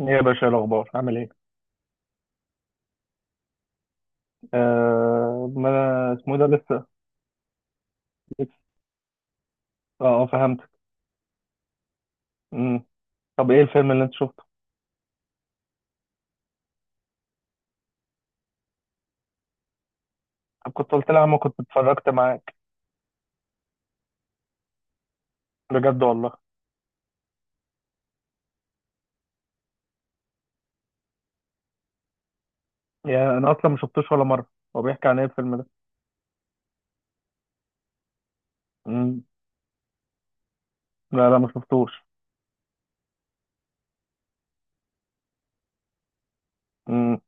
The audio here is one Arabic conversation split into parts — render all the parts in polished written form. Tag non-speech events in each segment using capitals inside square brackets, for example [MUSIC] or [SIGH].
ايه يا باشا، إيه الاخبار عامل ايه؟ آه، ما انا اسمه إيه ده. لسه لسه. فهمتك. مم. طب ايه الفيلم اللي انت شفته؟ طب كنت قلت لي يا عم كنت اتفرجت معاك. بجد والله. يا انا اصلا ما شفتوش ولا مره. هو بيحكي عن ايه الفيلم ده؟ مم. لا لا ما شفتوش. مم.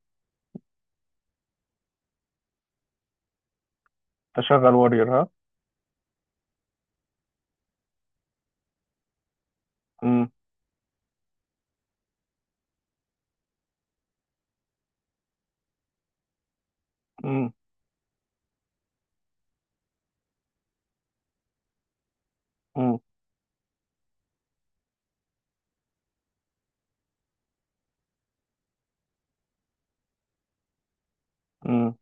تشغل وارير ها. مم. مم. مم. مم.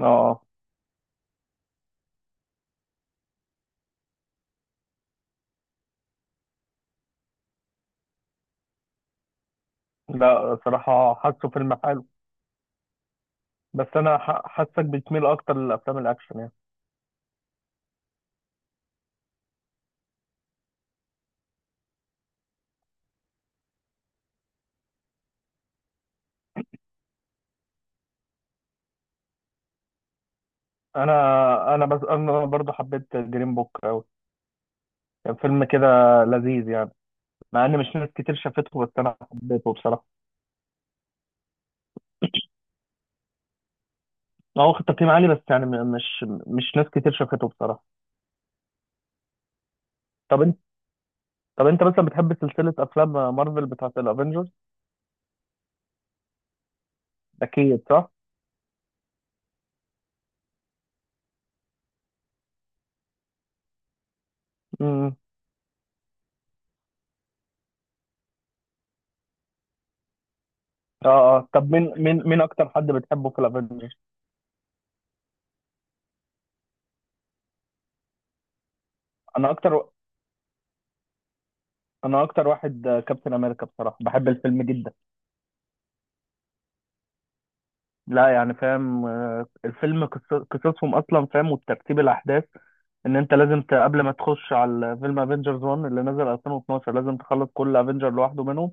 اه آه. لا صراحه حاسه فيلم حلو. بس انا حاسك بتميل اكتر للافلام الاكشن يعني. انا بس انا برضو حبيت جرين بوك قوي. كان فيلم كده لذيذ يعني. مع ان مش ناس كتير شافته بس انا حبيته بصراحه. هو واخد تقييم عالي بس يعني مش ناس كتير شافته بصراحه. طب انت، طب انت مثلا بتحب سلسله افلام مارفل بتاعت الافينجرز؟ اكيد صح. امم. اه اه، طب مين اكتر حد بتحبه في الافينجرز؟ انا اكتر، انا اكتر واحد كابتن امريكا بصراحه. بحب الفيلم جدا. لا يعني فاهم، آه، الفيلم قصصهم اصلا فاهم وترتيب الاحداث. ان انت لازم قبل ما تخش على فيلم افنجرز 1 اللي نزل 2012 لازم تخلص كل افنجر لوحده منهم.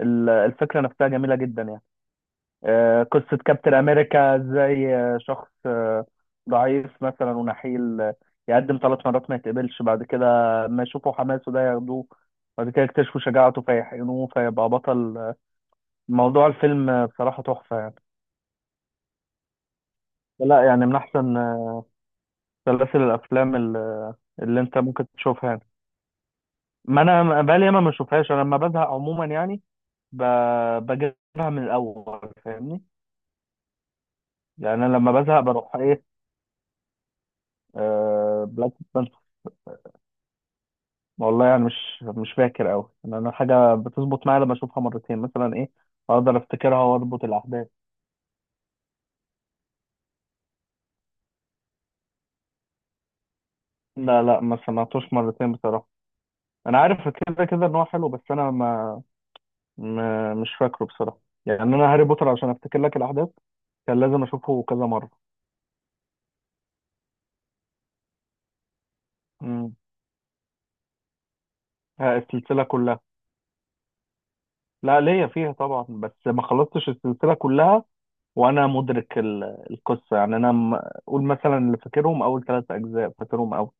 الفكره نفسها جميله جدا يعني. آه، قصه كابتن امريكا ازاي آه، شخص آه، ضعيف مثلا ونحيل، آه، يقدم ثلاث مرات ما يتقبلش. بعد كده ما يشوفوا حماسه ده ياخدوه. بعد كده يكتشفوا شجاعته فيحقنوه فيبقى بطل. آه، موضوع الفيلم آه، بصراحه تحفه يعني. لا يعني من احسن آه، سلاسل الافلام اللي، اللي انت ممكن تشوفها يعني. ما انا بقالي ياما ما بشوفهاش. انا لما بزهق عموما يعني ب... بجيبها من الاول، فاهمني. يعني انا لما بزهق بروح ايه، آه... بلاك بانثر. والله يعني مش فاكر قوي. يعني انا حاجه بتظبط معايا لما اشوفها مرتين مثلا، ايه، اقدر افتكرها واربط الاحداث. لا لا ما سمعتوش مرتين بصراحه. انا عارف كده كده ان هو حلو بس انا ما... ما مش فاكره بصراحه. يعني انا هاري بوتر عشان افتكر لك الاحداث كان لازم اشوفه كذا مره. آه، السلسلة كلها. لا ليا فيها طبعا بس ما خلصتش السلسلة كلها. وأنا مدرك القصة يعني. أنا أقول مثلا اللي فاكرهم أول ثلاث أجزاء فاكرهم أوي.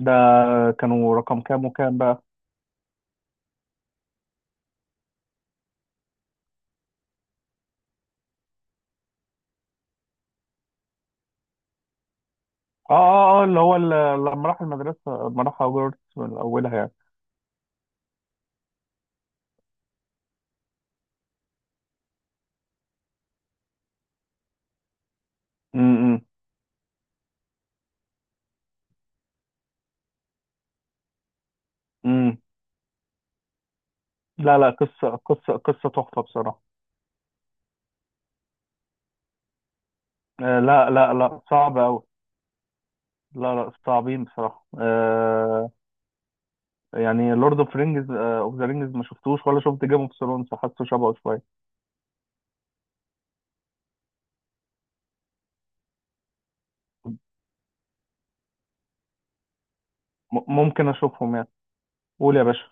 ده كانوا رقم كام وكام بقى؟ آه، اللي هو لما راح المدرسة، لما راح هوجورتس من أولها يعني. امم. امم. لا لا، قصة قصة تحفة بصراحة. آه لا لا لا صعب أوي. لا لا صعبين بصراحة آه. يعني لورد اوف رينجز اوف ذا رينجز ما شفتوش، ولا شفت جيم اوف ثرونز. حاسه شبهه شوية. ممكن اشوفهم يعني. قول يا باشا.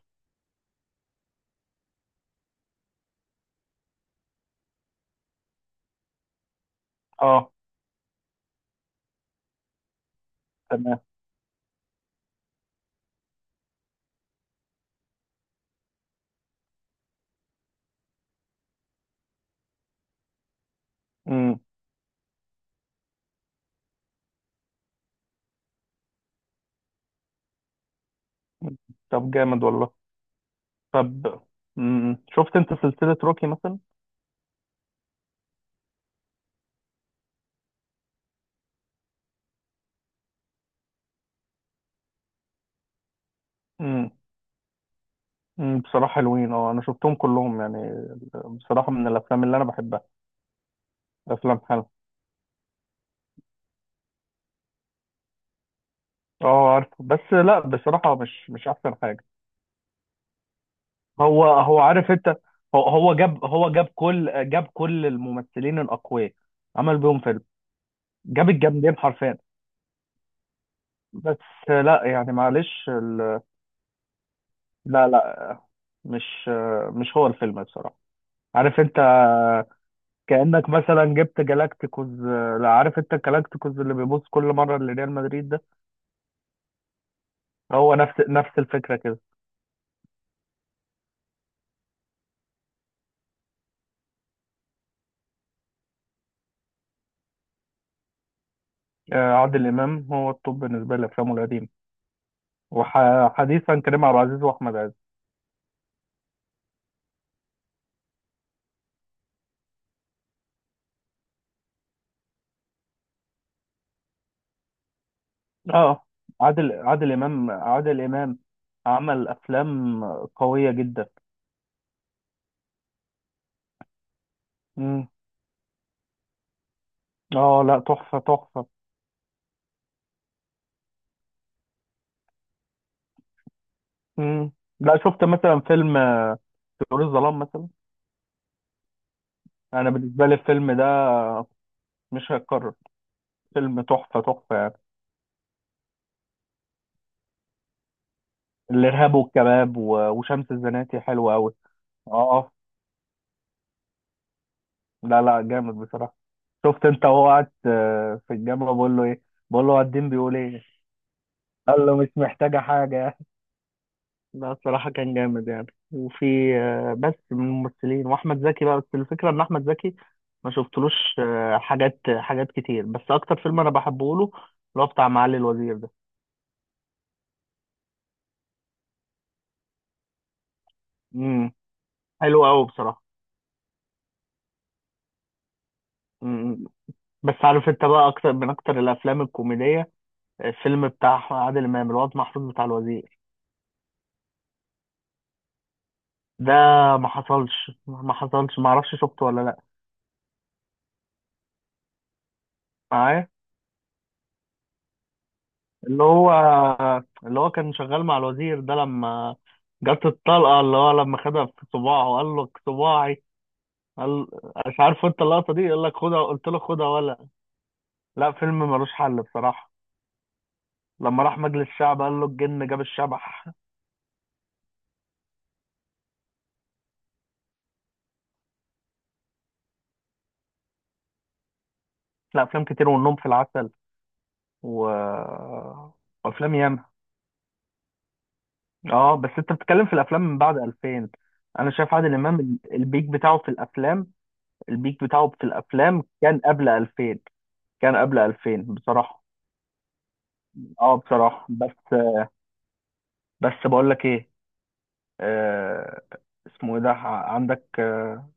اه تمام. امم. طب جامد والله. طب امم، شفت انت سلسلة روكي مثلا؟ امم. أمم، بصراحة حلوين. اه انا شفتهم كلهم يعني، بصراحة من الافلام اللي انا بحبها. افلام حلوة. اه عارف بس لا بصراحة مش مش احسن حاجة. هو عارف انت. هو هو جاب هو جاب كل جاب كل الممثلين الاقوياء، عمل بيهم فيلم. جاب الجامدين حرفيا. بس لا يعني معلش لا لا مش مش هو الفيلم بصراحة، عارف انت. كأنك مثلا جبت جالاكتيكوز. لا عارف انت الجالاكتيكوز اللي بيبص كل مرة لريال مدريد ده. هو نفس الفكرة كده. آه، عادل إمام هو الطب بالنسبة لأفلامه القديمة، وحديثا كريم عبد العزيز وأحمد عز. اه، عادل إمام عمل أفلام قوية جدا. مم. اه لا، تحفة تحفة. مم. لا، شفت مثلا فيلم طيور الظلام مثلا؟ انا بالنسبة لي الفيلم ده مش هيتكرر. فيلم تحفة تحفة. الارهاب والكباب وشمس الزناتي حلوه قوي. اه اه. لا لا جامد بصراحه. شفت انت وهو قاعد، آه، في الجامعه بقول له ايه؟ بقول له الدين بيقول ايه؟ قال له مش محتاجه حاجه. [LAUGHS] لا الصراحه كان جامد يعني، وفي آه، بس من الممثلين واحمد زكي بقى. بس الفكره ان احمد زكي ما شفتلوش آه، حاجات كتير. بس اكتر فيلم انا بحبه له اللي هو بتاع معالي الوزير ده. امم. حلو قوي بصراحه. امم. بس عارف انت بقى اكتر الافلام الكوميديه، الفيلم بتاع عادل امام الواد محفوظ بتاع الوزير ده. ما اعرفش شفته ولا لا. معايا، اللي هو، اللي هو كان شغال مع الوزير ده، لما جت الطلقه اللي هو لما خدها في صباعه وقال له صباعي. قال، مش عارف انت اللقطه دي؟ يقول لك خدها، قلت له خدها ولا. لا، فيلم ملوش حل بصراحه. لما راح مجلس الشعب قال له الجن جاب الشبح. [LAUGHS] لا افلام كتير، والنوم في العسل و، وافلام ياما. اه بس انت بتتكلم في الافلام من بعد 2000. انا شايف عادل امام البيك بتاعه في الافلام، البيك بتاعه في الافلام كان قبل 2000. كان قبل 2000 بصراحه. اه بصراحه. بس بس بقول لك ايه، آه، اسمه ايه ده؟ عندك آه،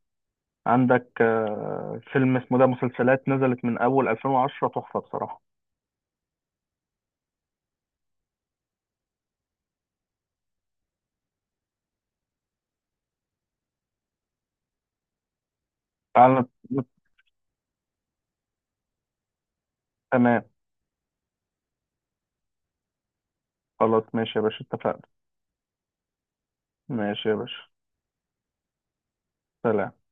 عندك آه فيلم اسمه ده. مسلسلات نزلت من اول 2010 تحفه بصراحه. تعال تمام. خلاص ماشي يا باشا، اتفقنا. ماشي يا باشا. سلام.